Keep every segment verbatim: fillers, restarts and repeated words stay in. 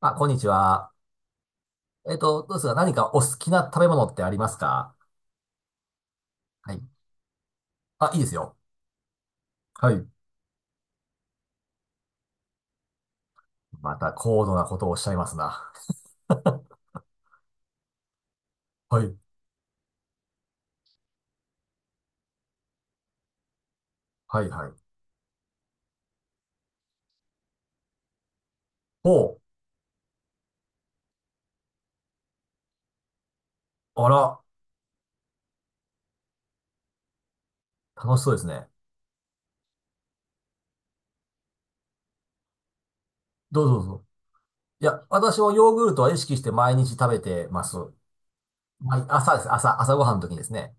あ、こんにちは。えっと、どうですか？何かお好きな食べ物ってありますか？はい。あ、いいですよ。はい。また高度なことをおっしゃいますな。はい。はい、はい。おう。あら、楽しそうですね。どうぞどうぞ。いや、私もヨーグルトは意識して毎日食べてます。はい、朝です。朝、朝ごはんの時にですね。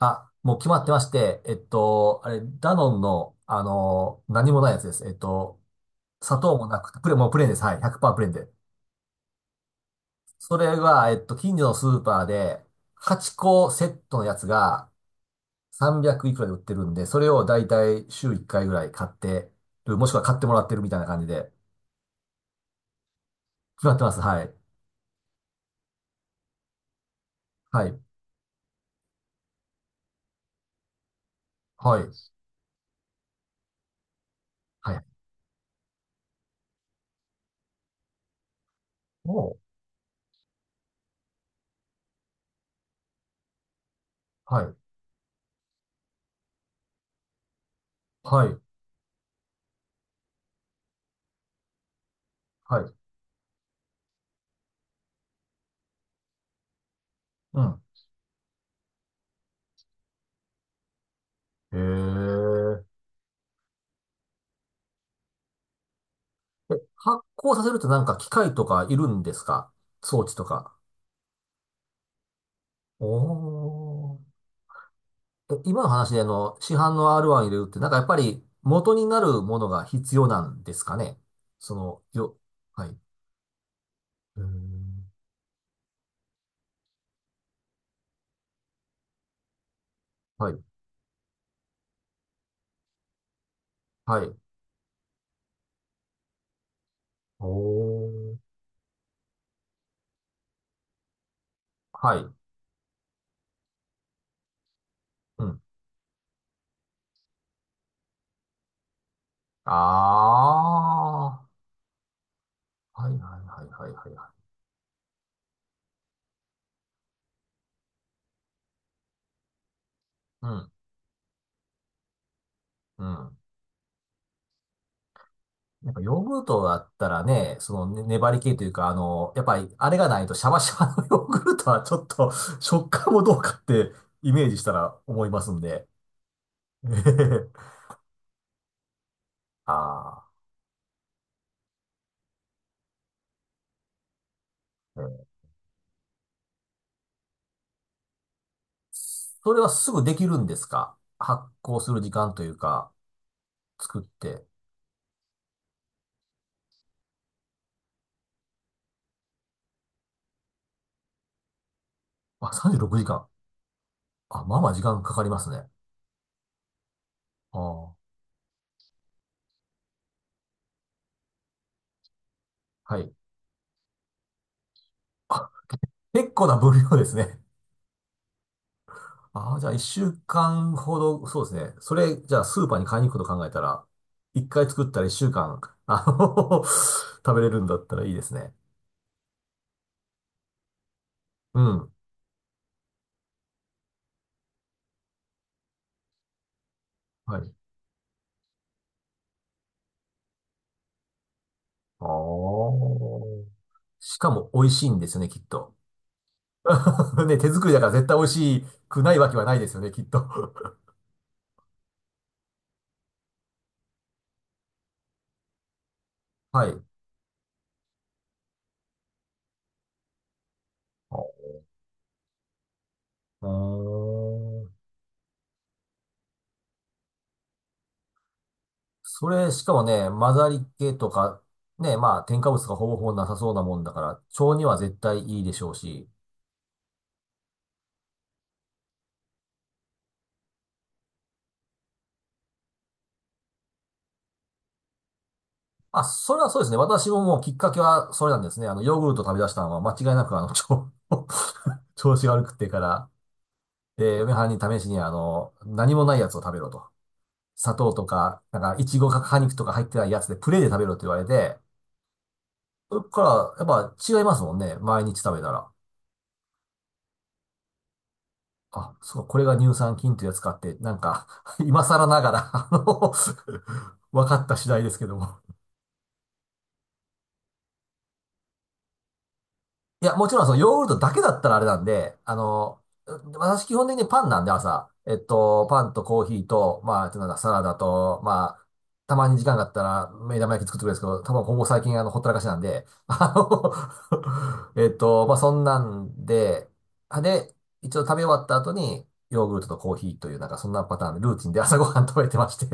あ、もう決まってまして、えっと、あれ、ダノンの、あの、何もないやつです。えっと、砂糖もなくて、プレ、もうプレーンです。はい。ひゃくパーセントプレーンで。それが、えっと、近所のスーパーで、はっこセットのやつがさんびゃくいくらで売ってるんで、それをだいたい週いっかいぐらい買ってる、もしくは買ってもらってるみたいな感じで、決まってます。はい。はい。はい。はい。おう。はい。はい。はい。うん。へえ。え、発酵させるとなんか機械とかいるんですか？装置とか。おー。え、今の話であの、市販の アールワン 入れるって、なんかやっぱり元になるものが必要なんですかね？その、よ、はい。うーん。はい。はい。おー。はい。うん。あー、はいはいはいはいはいはい。うん。うん。やっぱヨーグルトだったらね、そのね、粘り気というか、あの、やっぱりあれがないとシャバシャバのヨーグルトはちょっと 食感もどうかってイメージしたら思いますんで。えへへ、あーそれはすぐできるんですか？発行する時間というか、作って。あ、さんじゅうろくじかん。あ、まあまあ時間かかりますね。ああ、はい。あ、結構な分量ですね。ああ、じゃあいっしゅうかんほど、そうですね。それ、じゃあスーパーに買いに行くこと考えたら、いっかい作ったらいっしゅうかん、あの 食べれるんだったらいいですね。うん。はい。ああ。しかも美味しいんですよね、きっと。ね、手作りだから絶対美味しくないわけはないですよね、きっと。はい。あーそれ、しかもね、混ざり気とか、ね、まあ、添加物がほぼほぼなさそうなもんだから、腸には絶対いいでしょうし。あ、それはそうですね。私ももうきっかけはそれなんですね。あの、ヨーグルト食べ出したのは間違いなくあの、腸、調子が悪くってから。で、嫁はんに試しにあの、何もないやつを食べろと。砂糖とか、なんか、いちごか果肉とか入ってないやつでプレーで食べろって言われて、それから、やっぱ違いますもんね。毎日食べたら。あ、そう、これが乳酸菌というやつかって、なんか、今更ながら、あの、分かった次第ですけども。いや、もちろんそのヨーグルトだけだったらあれなんで、あの、私基本的にパンなんで朝、えっと、パンとコーヒーと、まあ、あとなんだ、サラダと、まあ、たまに時間があったら目玉焼き作ってくれるんですけど、多分ほぼ最近あの、ほったらかしなんで、あの えっと、まあそんなんで、あで、一応食べ終わった後に、ヨーグルトとコーヒーという、なんかそんなパターンでルーティンで朝ごはん食べてまして、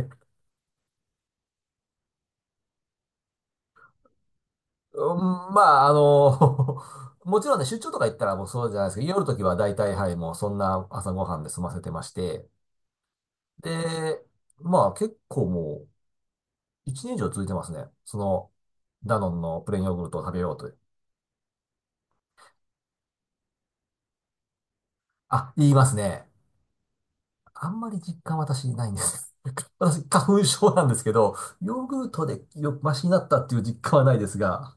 うん、まあ、あの、もちろんね、出張とか行ったらもうそうじゃないですけど、夜の時は大体、はい、もうそんな朝ごはんで済ませてまして、で、まあ結構もういちねん以上続いてますね。その、ダノンのプレーンヨーグルトを食べようという。あ、言いますね。あんまり実感私ないんです。私、花粉症なんですけど、ヨーグルトでよ、マシになったっていう実感はないですが、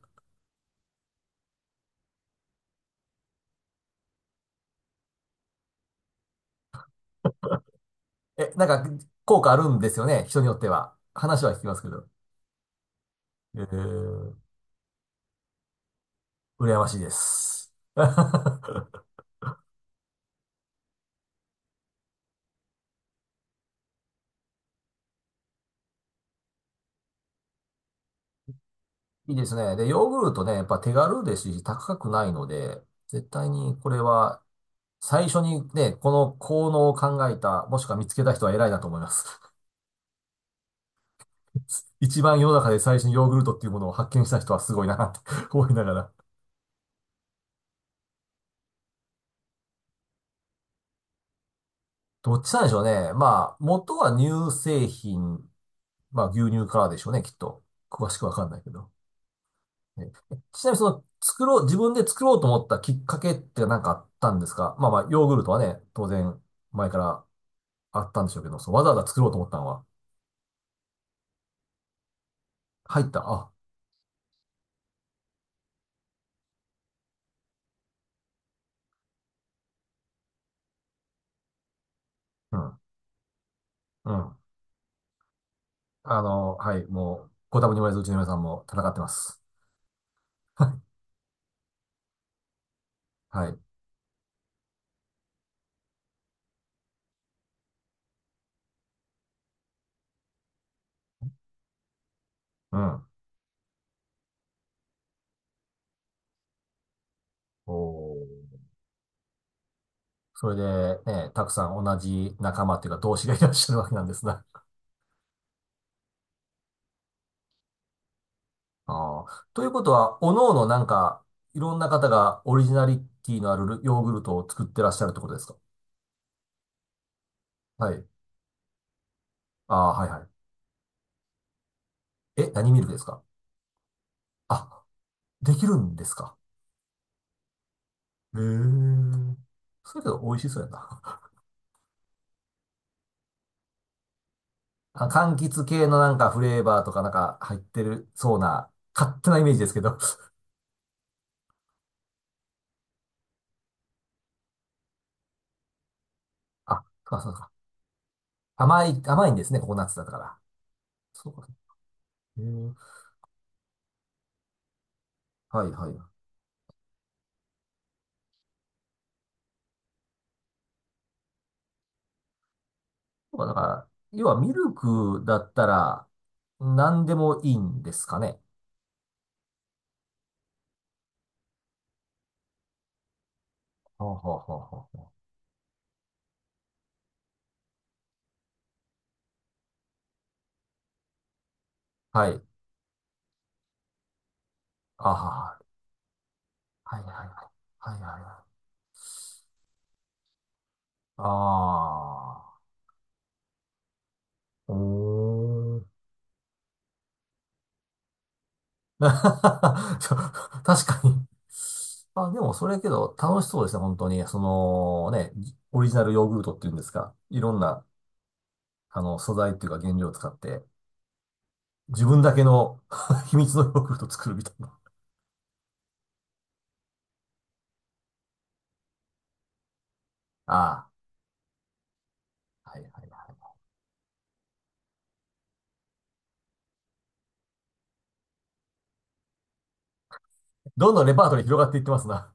え、なんか効果あるんですよね、人によっては。話は聞きますけど。え、羨ましいです。いいですね。で、ヨーグルトね、やっぱ手軽ですし、高くないので、絶対にこれは、最初にね、この効能を考えた、もしくは見つけた人は偉いなと思います。一番世の中で最初にヨーグルトっていうものを発見した人はすごいなって 思いながら。どっちなんでしょうね。まあ、元は乳製品、まあ牛乳からでしょうね、きっと。詳しくわかんないけど。ね、ちなみにその、作ろう、自分で作ろうと思ったきっかけって何かあったんですか？まあまあ、ヨーグルトはね、当然、前からあったんでしょうけど、そう、わざわざ作ろうと思ったのは、入った、あ、うん、うん。あの、はい、もう、ご多分に言われず、うちの皆さんも戦ってます。はい、はい、うん。おー。それで、ね、たくさん同じ仲間っていうか、同志がいらっしゃるわけなんですが。ああ。ということは、おのおのなんか、いろんな方がオリジナリティのあるヨーグルトを作ってらっしゃるってことですか？はい。ああー、はいはい。え、何ミルクですか？あ、できるんですか？へえ。それけど美味しそうやな。あ、柑橘系のなんかフレーバーとかなんか入ってるそうな、勝手なイメージですけど。あ、そうかそうか。甘い、甘いんですね、ココナッツだから。そうか。へえ。はいはい。そうか、だから、要はミルクだったら何でもいいんですかね。はあはあはあはあ。はい。あはは、はいはいはい。はいはいはい。ああ。おー。確かに。あ、でもそれけど楽しそうですね、本当に。そのね、オリジナルヨーグルトっていうんですか。いろんな、あの、素材っていうか原料を使って、自分だけの 秘密のヨーグルトを作るみたいな。ああ、はいはいはい。どんどんレパートリー広がっていってますな。